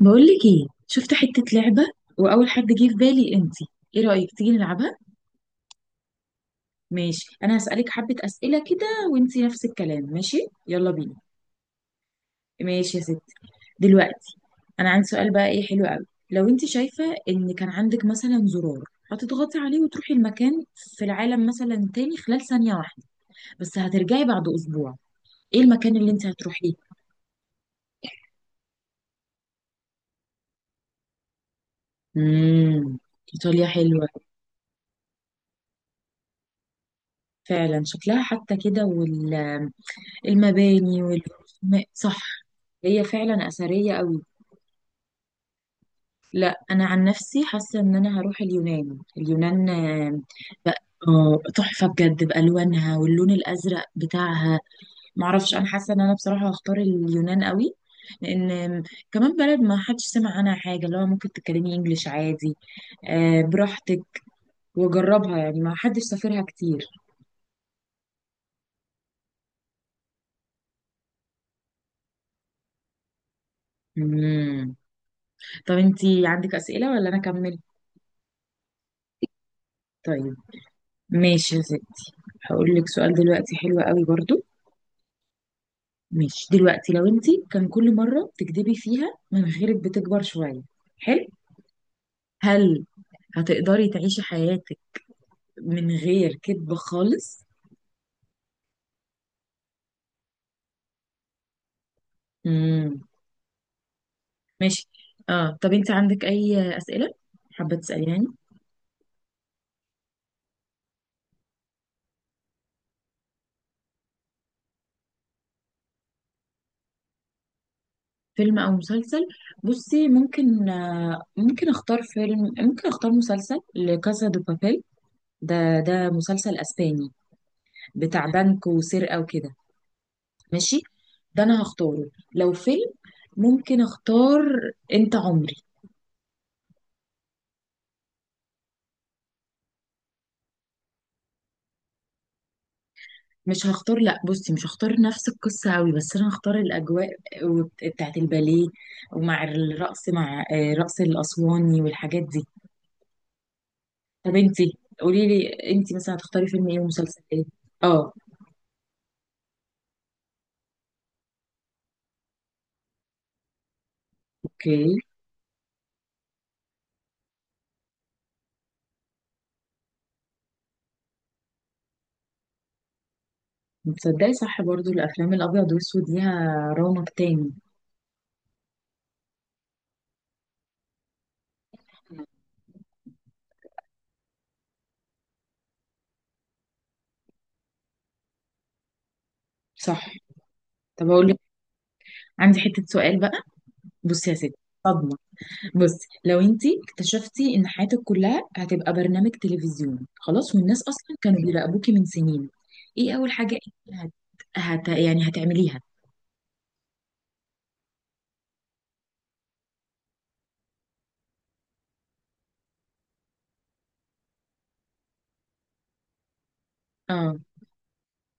بقولك ايه، شفت حتة لعبة وأول حد جه في بالي انتي. ايه رأيك تيجي نلعبها؟ ماشي، أنا هسألك حبة أسئلة كده، وانتي نفس الكلام، ماشي؟ يلا بينا. ماشي يا ستي. دلوقتي أنا عندي سؤال بقى، ايه حلو قوي. لو انتي شايفة ان كان عندك مثلا زرار هتضغطي عليه وتروحي المكان في العالم مثلا تاني خلال ثانية واحدة، بس هترجعي بعد أسبوع، ايه المكان اللي انتي هتروحيه؟ امم. إيطاليا حلوة. فعلا شكلها حتى كده، وال المباني والرسومات، صح. هي فعلا أثرية قوي. لا أنا عن نفسي حاسة إن أنا هروح اليونان. اليونان بقى، تحفة بجد بألوانها واللون الأزرق بتاعها. معرفش، أنا حاسة إن أنا بصراحة هختار اليونان قوي، لأن كمان بلد ما حدش سمع عنها حاجة، اللي هو ممكن تتكلمي إنجليش عادي، براحتك، وجربها، يعني ما حدش سافرها كتير. مم. طب انتي عندك أسئلة ولا أنا أكمل؟ طيب، ماشي يا ستي. هقول لك سؤال دلوقتي حلو قوي برضو. ماشي، دلوقتي لو انت كان كل مرة بتكدبي فيها مناخيرك بتكبر شوية، حلو، هل هتقدري تعيشي حياتك من غير كدب خالص؟ امم. ماشي. اه طب انت عندك اي أسئلة حابة تسأليني؟ فيلم او مسلسل، بصي ممكن، ممكن اختار فيلم، ممكن اختار مسلسل لكاسا دو بابيل. ده، ده مسلسل اسباني بتاع بنك وسرقة وكده. ماشي، ده انا هختاره. لو فيلم ممكن اختار انت عمري. مش هختار، لا بصي مش هختار نفس القصة قوي، بس انا هختار الاجواء بتاعت الباليه، ومع الرقص، مع رقص الاسواني والحاجات دي. طب انتي قولي لي، انتي مثلا هتختاري فيلم ايه ومسلسل ايه؟ اه. اوكي. تصدقي صح، برضو الافلام الابيض والاسود ليها رونق تاني. صح، طب اقول لك، عندي حتة سؤال بقى. بصي يا ستي، صدمة. بصي لو انتي اكتشفتي ان حياتك كلها هتبقى برنامج تلفزيون خلاص، والناس اصلا كانوا بيراقبوكي من سنين، ايه اول حاجة انت يعني هتعمليها؟ اه،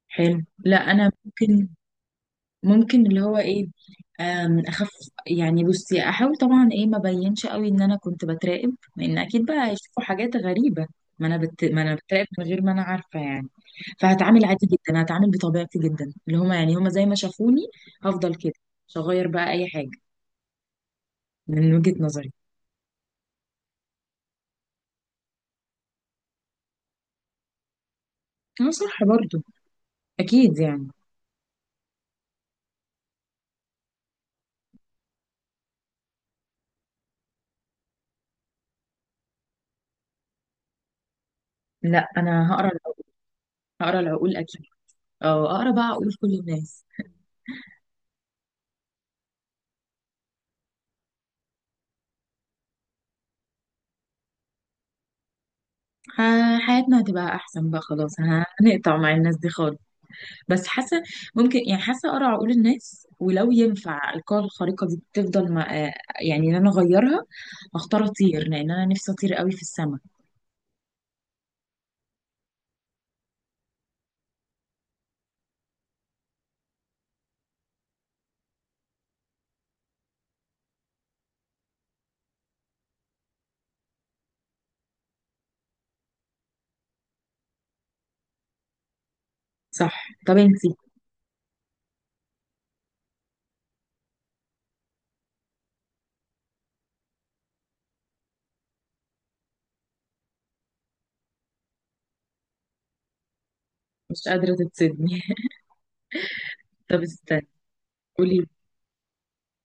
حلو. لا انا ممكن اللي هو ايه، اخف. يعني بصي احاول طبعا، ايه ما بينش قوي ان انا كنت بتراقب، لان اكيد بقى هيشوفوا حاجات غريبة. ما انا ما انا بتراقب من غير ما انا عارفة يعني. فهتعامل عادي جدا، هتعامل بطبيعتي جدا، اللي هما يعني هما زي ما شافوني. هفضل كده، مش هغير بقى اي حاجة، من وجهة نظري. هو صح برضو، اكيد يعني. لا انا هقرا العقول اكيد، او اقرا بقى عقول كل الناس. حياتنا هتبقى احسن بقى، خلاص هنقطع مع الناس دي خالص. بس حاسه، ممكن يعني حاسه اقرا عقول الناس، ولو ينفع القوة الخارقة دي تفضل مع، يعني ان انا اغيرها، هختار اطير، لان انا نفسي اطير قوي في السما. صح، طب انتي مش قادرة تتصدمي. طب استني، قولي.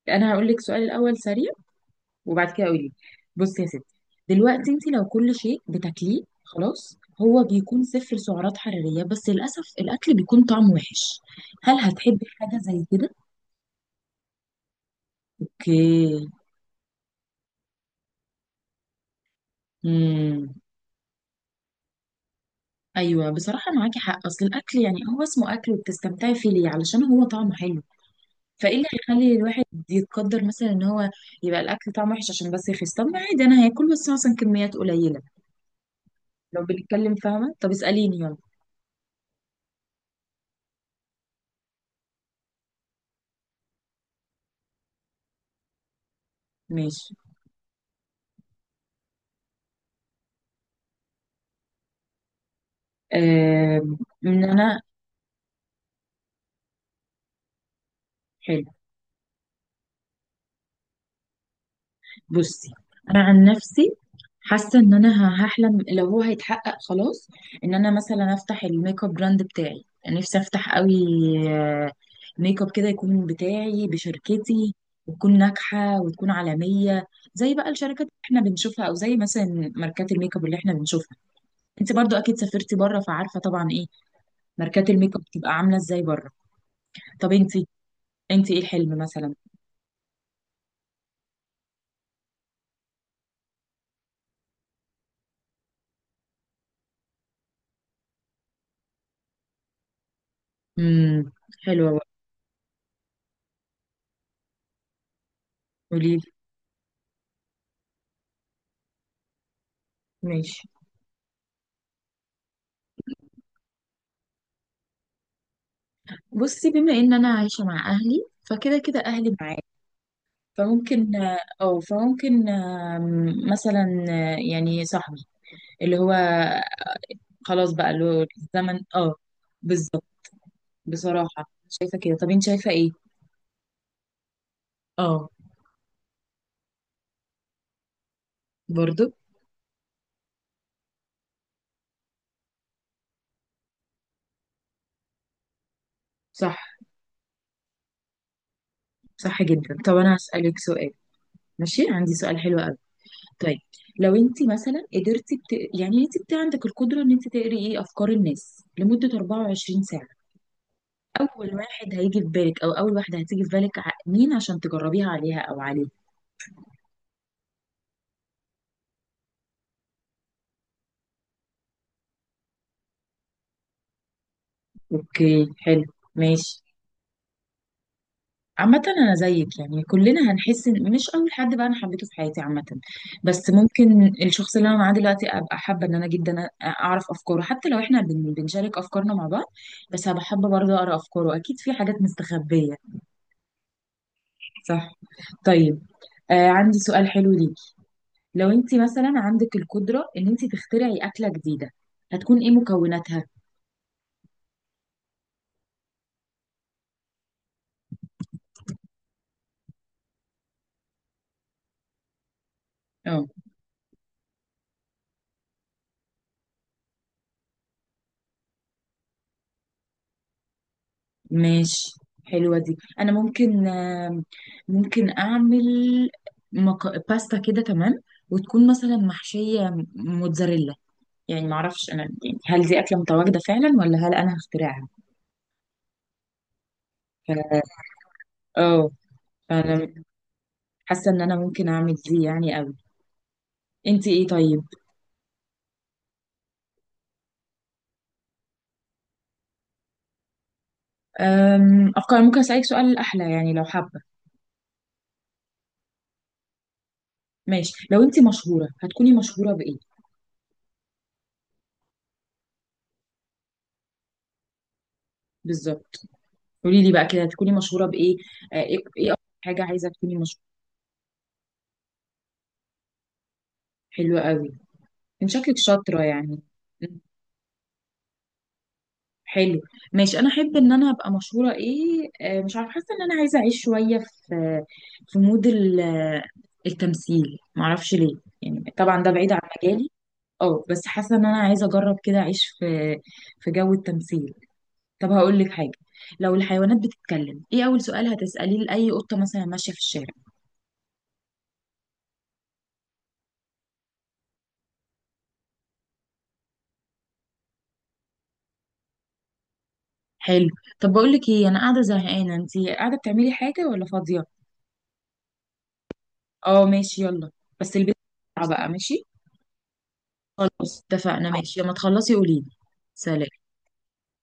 انا هقول لك سؤال الاول سريع، وبعد كده قولي لي. بصي يا ستي، دلوقتي انت لو كل شيء بتاكليه خلاص هو بيكون صفر سعرات حرارية، بس للأسف الأكل بيكون طعمه وحش، هل هتحبي حاجة زي كده؟ اوكي. امم. ايوه بصراحة معاكي حق، أصل الأكل يعني هو اسمه أكل، وبتستمتعي فيه ليه؟ علشان هو طعمه حلو. فايه اللي هيخلي الواحد يتقدر مثلا ان هو يبقى الاكل طعمه وحش عشان بس يخس؟ طب ما عادي انا هاكل بس مثلا كميات قليله لو بنتكلم، فاهمه؟ طب اساليني، يلا. ماشي آه ان انا حلو، بصي انا عن نفسي حاسه ان انا هحلم لو هو هيتحقق خلاص، ان انا مثلا افتح الميك اب براند بتاعي، يعني نفسي افتح قوي، آه، ميك اب كده يكون بتاعي بشركتي، وتكون ناجحه وتكون عالميه، زي بقى الشركات اللي احنا بنشوفها، او زي مثلا ماركات الميك اب اللي احنا بنشوفها. انت برضو اكيد سافرتي بره، فعارفه طبعا ايه ماركات الميك اب بتبقى عامله ازاي بره. طب انت، انت ايه الحلم مثلا؟ امم. حلوه. قولي، ماشي. بصي بما ان انا عايشه مع اهلي، فكده كده اهلي معايا، فممكن اه فممكن مثلا يعني صاحبي اللي هو، خلاص بقى اللي هو الزمن اه. بالظبط، بصراحه شايفه كده. طب انت شايفه ايه؟ اه، برضو صح. صح جدا. طب انا هسالك سؤال، ماشي عندي سؤال حلو قوي. طيب، لو انت مثلا قدرتي يعني انت عندك القدره ان انت تقري ايه افكار الناس لمده 24 ساعه، اول واحد هيجي في بالك او اول واحده هتيجي في بالك، مين عشان تجربيها عليها او عليه؟ اوكي، حلو. ماشي. عامة أنا زيك يعني، كلنا هنحس إن مش أول حد بقى أنا حبيته في حياتي عامة. بس ممكن الشخص اللي أنا معاه دلوقتي أبقى حابة إن أنا جدا أعرف أفكاره، حتى لو إحنا بنشارك أفكارنا مع بعض. بس هبقى حابة برضه أقرأ أفكاره، أكيد في حاجات مستخبية. صح، طيب. آه، عندي سؤال حلو ليكي. لو أنت مثلا عندك القدرة إن أنت تخترعي أكلة جديدة، هتكون إيه مكوناتها؟ آه. ماشي. حلوة دي، أنا ممكن، ممكن أعمل باستا كده كمان، وتكون مثلا محشية موتزاريلا. يعني معرفش أنا، يعني هل دي أكلة متواجدة فعلا ولا هل أنا هخترعها؟ ف... اه فأنا حاسة إن أنا ممكن أعمل دي يعني أوي. أنت إيه طيب؟ أفكار. ممكن أسألك سؤال أحلى، يعني لو حابة؟ ماشي، لو أنت مشهورة هتكوني مشهورة بإيه بالظبط؟ قولي لي بقى كده، هتكوني مشهورة بإيه؟ إيه، إيه أكتر حاجة عايزة تكوني مشهورة؟ حلوة أوي، من شكلك شاطرة يعني. مم. حلو. ماشي. انا احب ان انا ابقى مشهورة ايه، مش عارفة، حاسة ان انا عايزة اعيش شوية في، مود التمثيل. معرفش ليه، يعني طبعا ده بعيد عن مجالي. اه بس حاسة ان انا عايزة اجرب كده اعيش في، جو التمثيل. طب هقول لك حاجة، لو الحيوانات بتتكلم، ايه اول سؤال هتسأليه لأي قطة مثلا ماشية في الشارع؟ حلو. طب بقول لك ايه، انا قاعدة زهقانة، انتي قاعدة بتعملي حاجة ولا فاضية؟ اه ماشي يلا، بس البيت بقى ماشي. خلاص اتفقنا، ماشي لما تخلصي قوليلي. سلام.